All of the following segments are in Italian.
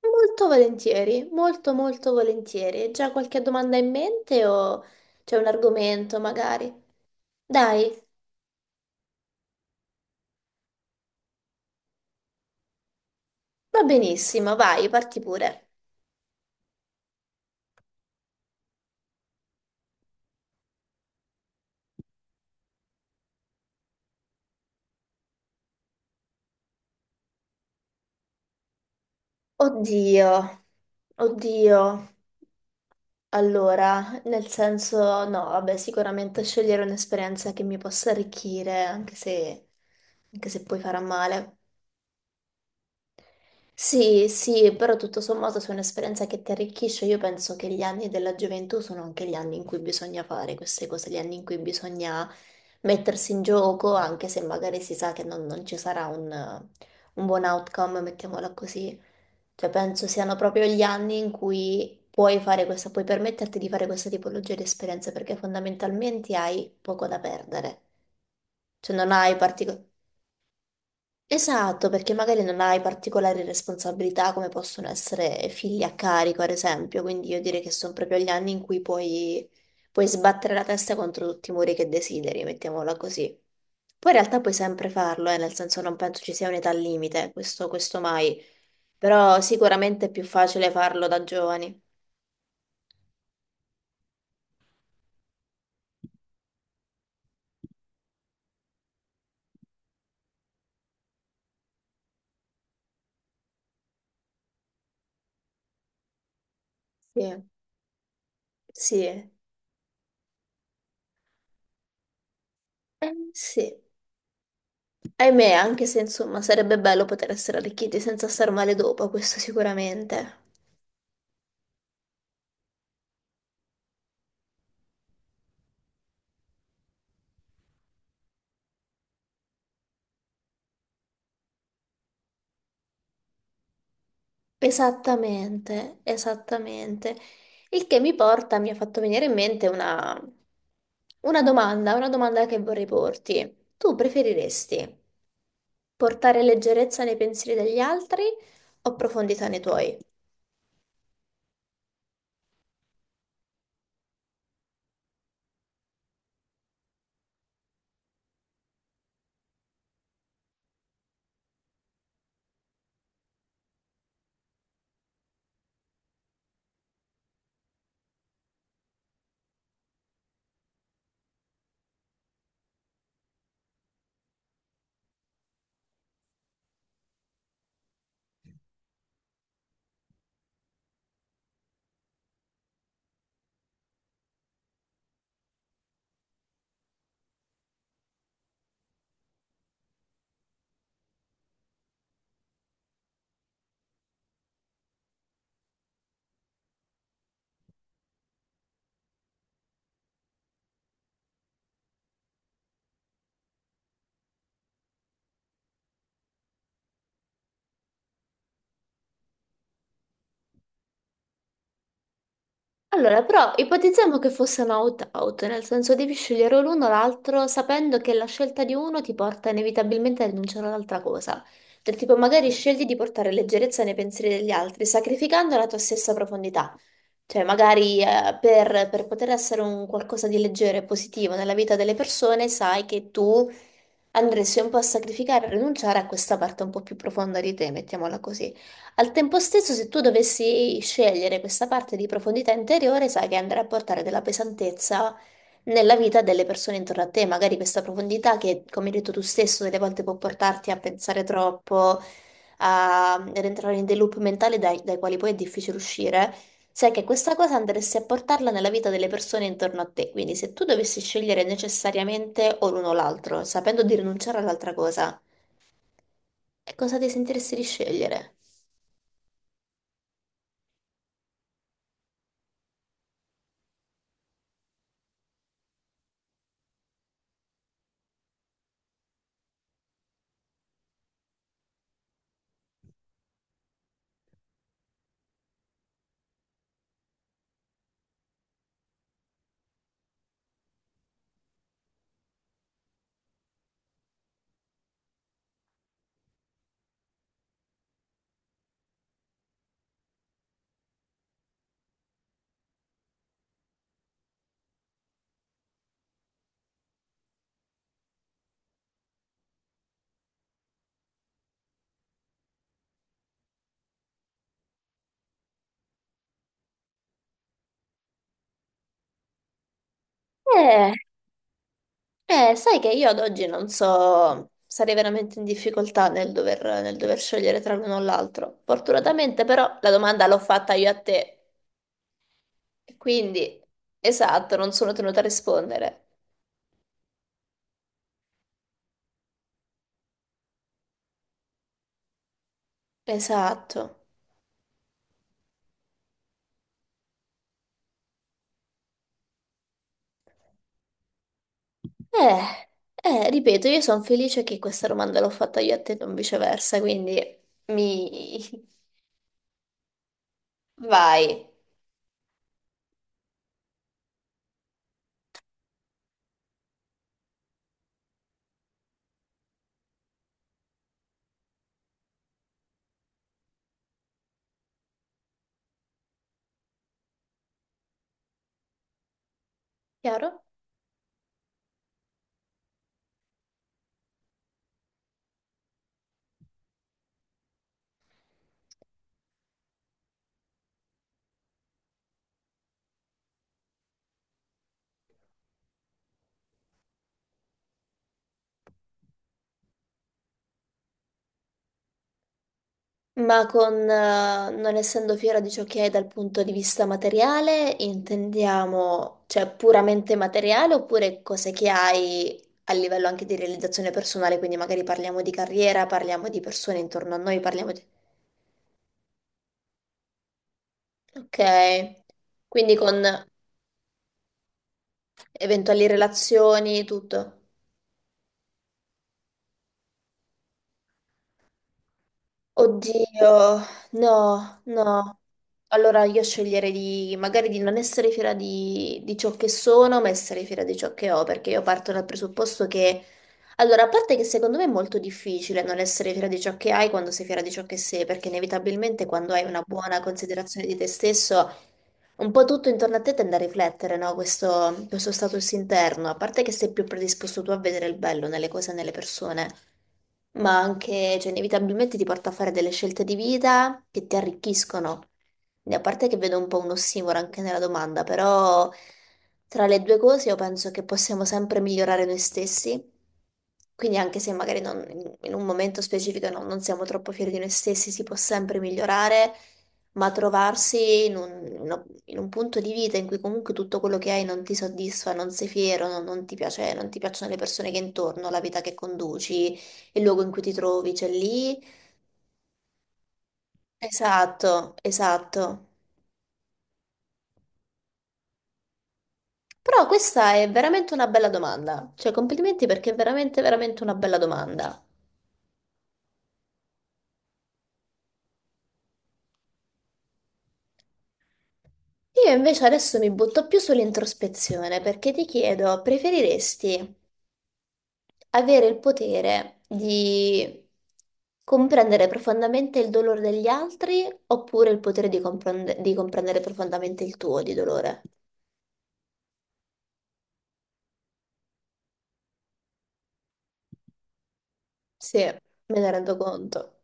Molto volentieri, molto molto volentieri. Hai già qualche domanda in mente o c'è un argomento magari? Dai, va benissimo, vai, parti pure. Oddio, oddio. Allora, nel senso, no, vabbè, sicuramente scegliere un'esperienza che mi possa arricchire, anche se poi farà male. Sì, sì, però tutto sommato se è un'esperienza che ti arricchisce, io penso che gli anni della gioventù sono anche gli anni in cui bisogna fare queste cose, gli anni in cui bisogna mettersi in gioco, anche se magari si sa che non ci sarà un buon outcome, mettiamola così. Cioè, penso siano proprio gli anni in cui puoi fare questa, puoi permetterti di fare questa tipologia di esperienze, perché fondamentalmente hai poco da perdere. Cioè, non hai particolari. Esatto, perché magari non hai particolari responsabilità come possono essere figli a carico, ad esempio, quindi io direi che sono proprio gli anni in cui puoi, puoi sbattere la testa contro tutti i muri che desideri, mettiamola così. Poi in realtà puoi sempre farlo, nel senso non penso ci sia un'età limite, questo mai, però sicuramente è più facile farlo da giovani. Sì, sì, sì. Ahimè, anche se insomma sarebbe bello poter essere arricchiti senza star male dopo, questo sicuramente. Esattamente, esattamente. Il che mi porta, mi ha fatto venire in mente una domanda che vorrei porti. Tu preferiresti portare leggerezza nei pensieri degli altri o profondità nei tuoi? Allora, però ipotizziamo che fosse un out-out, nel senso devi scegliere l'uno o l'altro sapendo che la scelta di uno ti porta inevitabilmente a rinunciare all'altra cosa. Del tipo, magari scegli di portare leggerezza nei pensieri degli altri, sacrificando la tua stessa profondità. Cioè, magari per poter essere un qualcosa di leggero e positivo nella vita delle persone, sai che tu andresti un po' a sacrificare, a rinunciare a questa parte un po' più profonda di te, mettiamola così. Al tempo stesso, se tu dovessi scegliere questa parte di profondità interiore, sai che andrà a portare della pesantezza nella vita delle persone intorno a te. Magari questa profondità che, come hai detto tu stesso, delle volte può portarti a pensare troppo, a ad entrare in dei loop mentali dai quali poi è difficile uscire. Sai che questa cosa andresti a portarla nella vita delle persone intorno a te, quindi se tu dovessi scegliere necessariamente o l'uno o l'altro, sapendo di rinunciare all'altra cosa, e cosa ti sentiresti di scegliere? Eh, Sai che io ad oggi non so, sarei veramente in difficoltà nel dover scegliere tra l'uno o l'altro. Fortunatamente però la domanda l'ho fatta io a te, quindi esatto, non sono tenuta a rispondere. Esatto. Eh, Ripeto, io sono felice che questa domanda l'ho fatta io a te, non viceversa, quindi mi... Vai. Chiaro? Ma con non essendo fiera di ciò che hai dal punto di vista materiale, intendiamo, cioè, puramente materiale oppure cose che hai a livello anche di realizzazione personale, quindi magari parliamo di carriera, parliamo di persone intorno a noi, parliamo di... Ok, quindi con eventuali relazioni, tutto. Oddio, no, no. Allora io sceglierei di, magari di non essere fiera di, ciò che sono, ma essere fiera di ciò che ho, perché io parto dal presupposto che... Allora, a parte che secondo me è molto difficile non essere fiera di ciò che hai quando sei fiera di ciò che sei, perché inevitabilmente quando hai una buona considerazione di te stesso, un po' tutto intorno a te tende a riflettere, no? Questo status interno, a parte che sei più predisposto tu a vedere il bello nelle cose e nelle persone ma anche, cioè, inevitabilmente ti porta a fare delle scelte di vita che ti arricchiscono. E a parte che vedo un po' un ossimoro anche nella domanda, però tra le due cose io penso che possiamo sempre migliorare noi stessi. Quindi anche se magari in un momento specifico non siamo troppo fieri di noi stessi, si può sempre migliorare, ma trovarsi in un punto di vita in cui comunque tutto quello che hai non ti soddisfa, non sei fiero, non ti piace, non ti piacciono le persone che hai intorno, la vita che conduci, il luogo in cui ti trovi, c'è lì. Esatto, esatto. Però questa è veramente una bella domanda. Cioè, complimenti perché è veramente, veramente una bella domanda. Io invece adesso mi butto più sull'introspezione perché ti chiedo, preferiresti avere il potere di comprendere profondamente il dolore degli altri oppure il potere di di comprendere profondamente il tuo di dolore? Sì, me ne rendo conto.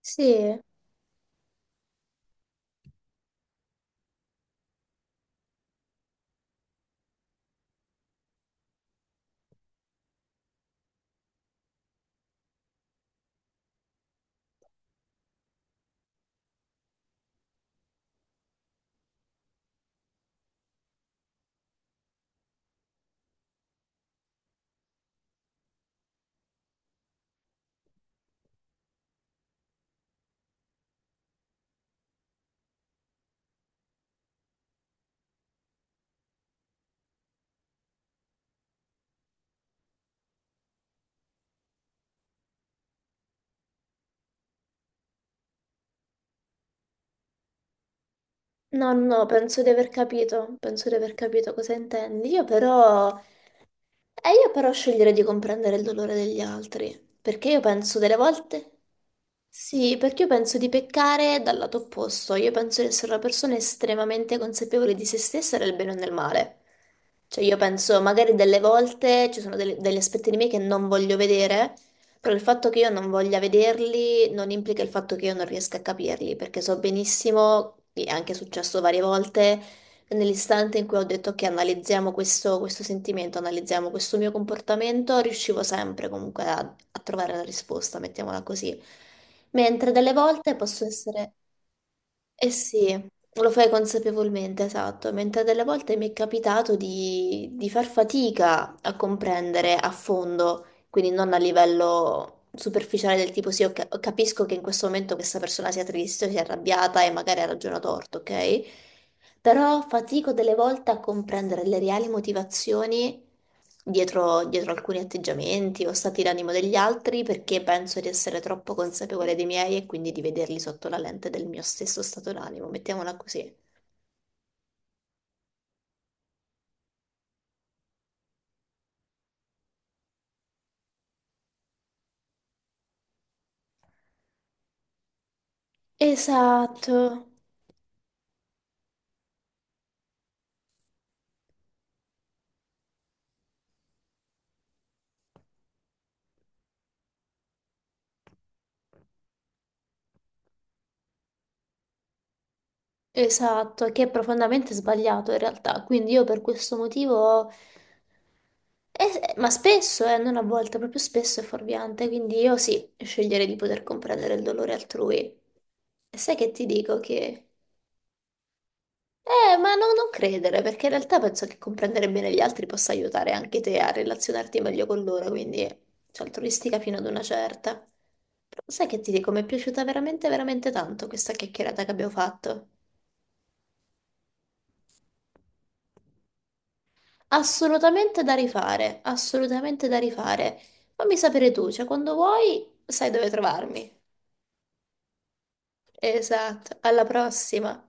Sì. No, no, penso di aver capito, penso di aver capito cosa intendi. Io però, e io però sceglierei di comprendere il dolore degli altri, perché io penso delle volte... Sì, perché io penso di peccare dal lato opposto, io penso di essere una persona estremamente consapevole di se stessa nel bene o nel male. Cioè io penso magari delle volte ci sono degli aspetti di me che non voglio vedere, però il fatto che io non voglia vederli non implica il fatto che io non riesca a capirli, perché so benissimo, e è anche successo varie volte, nell'istante in cui ho detto che analizziamo questo, questo sentimento, analizziamo questo mio comportamento, riuscivo sempre comunque a, a trovare la risposta, mettiamola così. Mentre delle volte posso essere... Eh sì, lo fai consapevolmente, esatto, mentre delle volte mi è capitato di, far fatica a comprendere a fondo, quindi non a livello superficiale del tipo sì, ok, capisco che in questo momento questa persona sia triste, sia arrabbiata e magari ha ragione o torto, ok? Però fatico delle volte a comprendere le reali motivazioni dietro alcuni atteggiamenti o stati d'animo degli altri perché penso di essere troppo consapevole dei miei e quindi di vederli sotto la lente del mio stesso stato d'animo, mettiamola così. Esatto, esatto, che è profondamente sbagliato in realtà. Quindi io per questo motivo, ma spesso, non a volte, proprio spesso è fuorviante, quindi io sì, sceglierei di poter comprendere il dolore altrui. E sai che ti dico che... Ma non credere, perché in realtà penso che comprendere bene gli altri possa aiutare anche te a relazionarti meglio con loro, quindi c'è altruistica fino ad una certa. Però sai che ti dico, mi è piaciuta veramente, veramente tanto questa chiacchierata che abbiamo fatto. Assolutamente da rifare, assolutamente da rifare. Fammi sapere tu, cioè quando vuoi sai dove trovarmi. Esatto, alla prossima.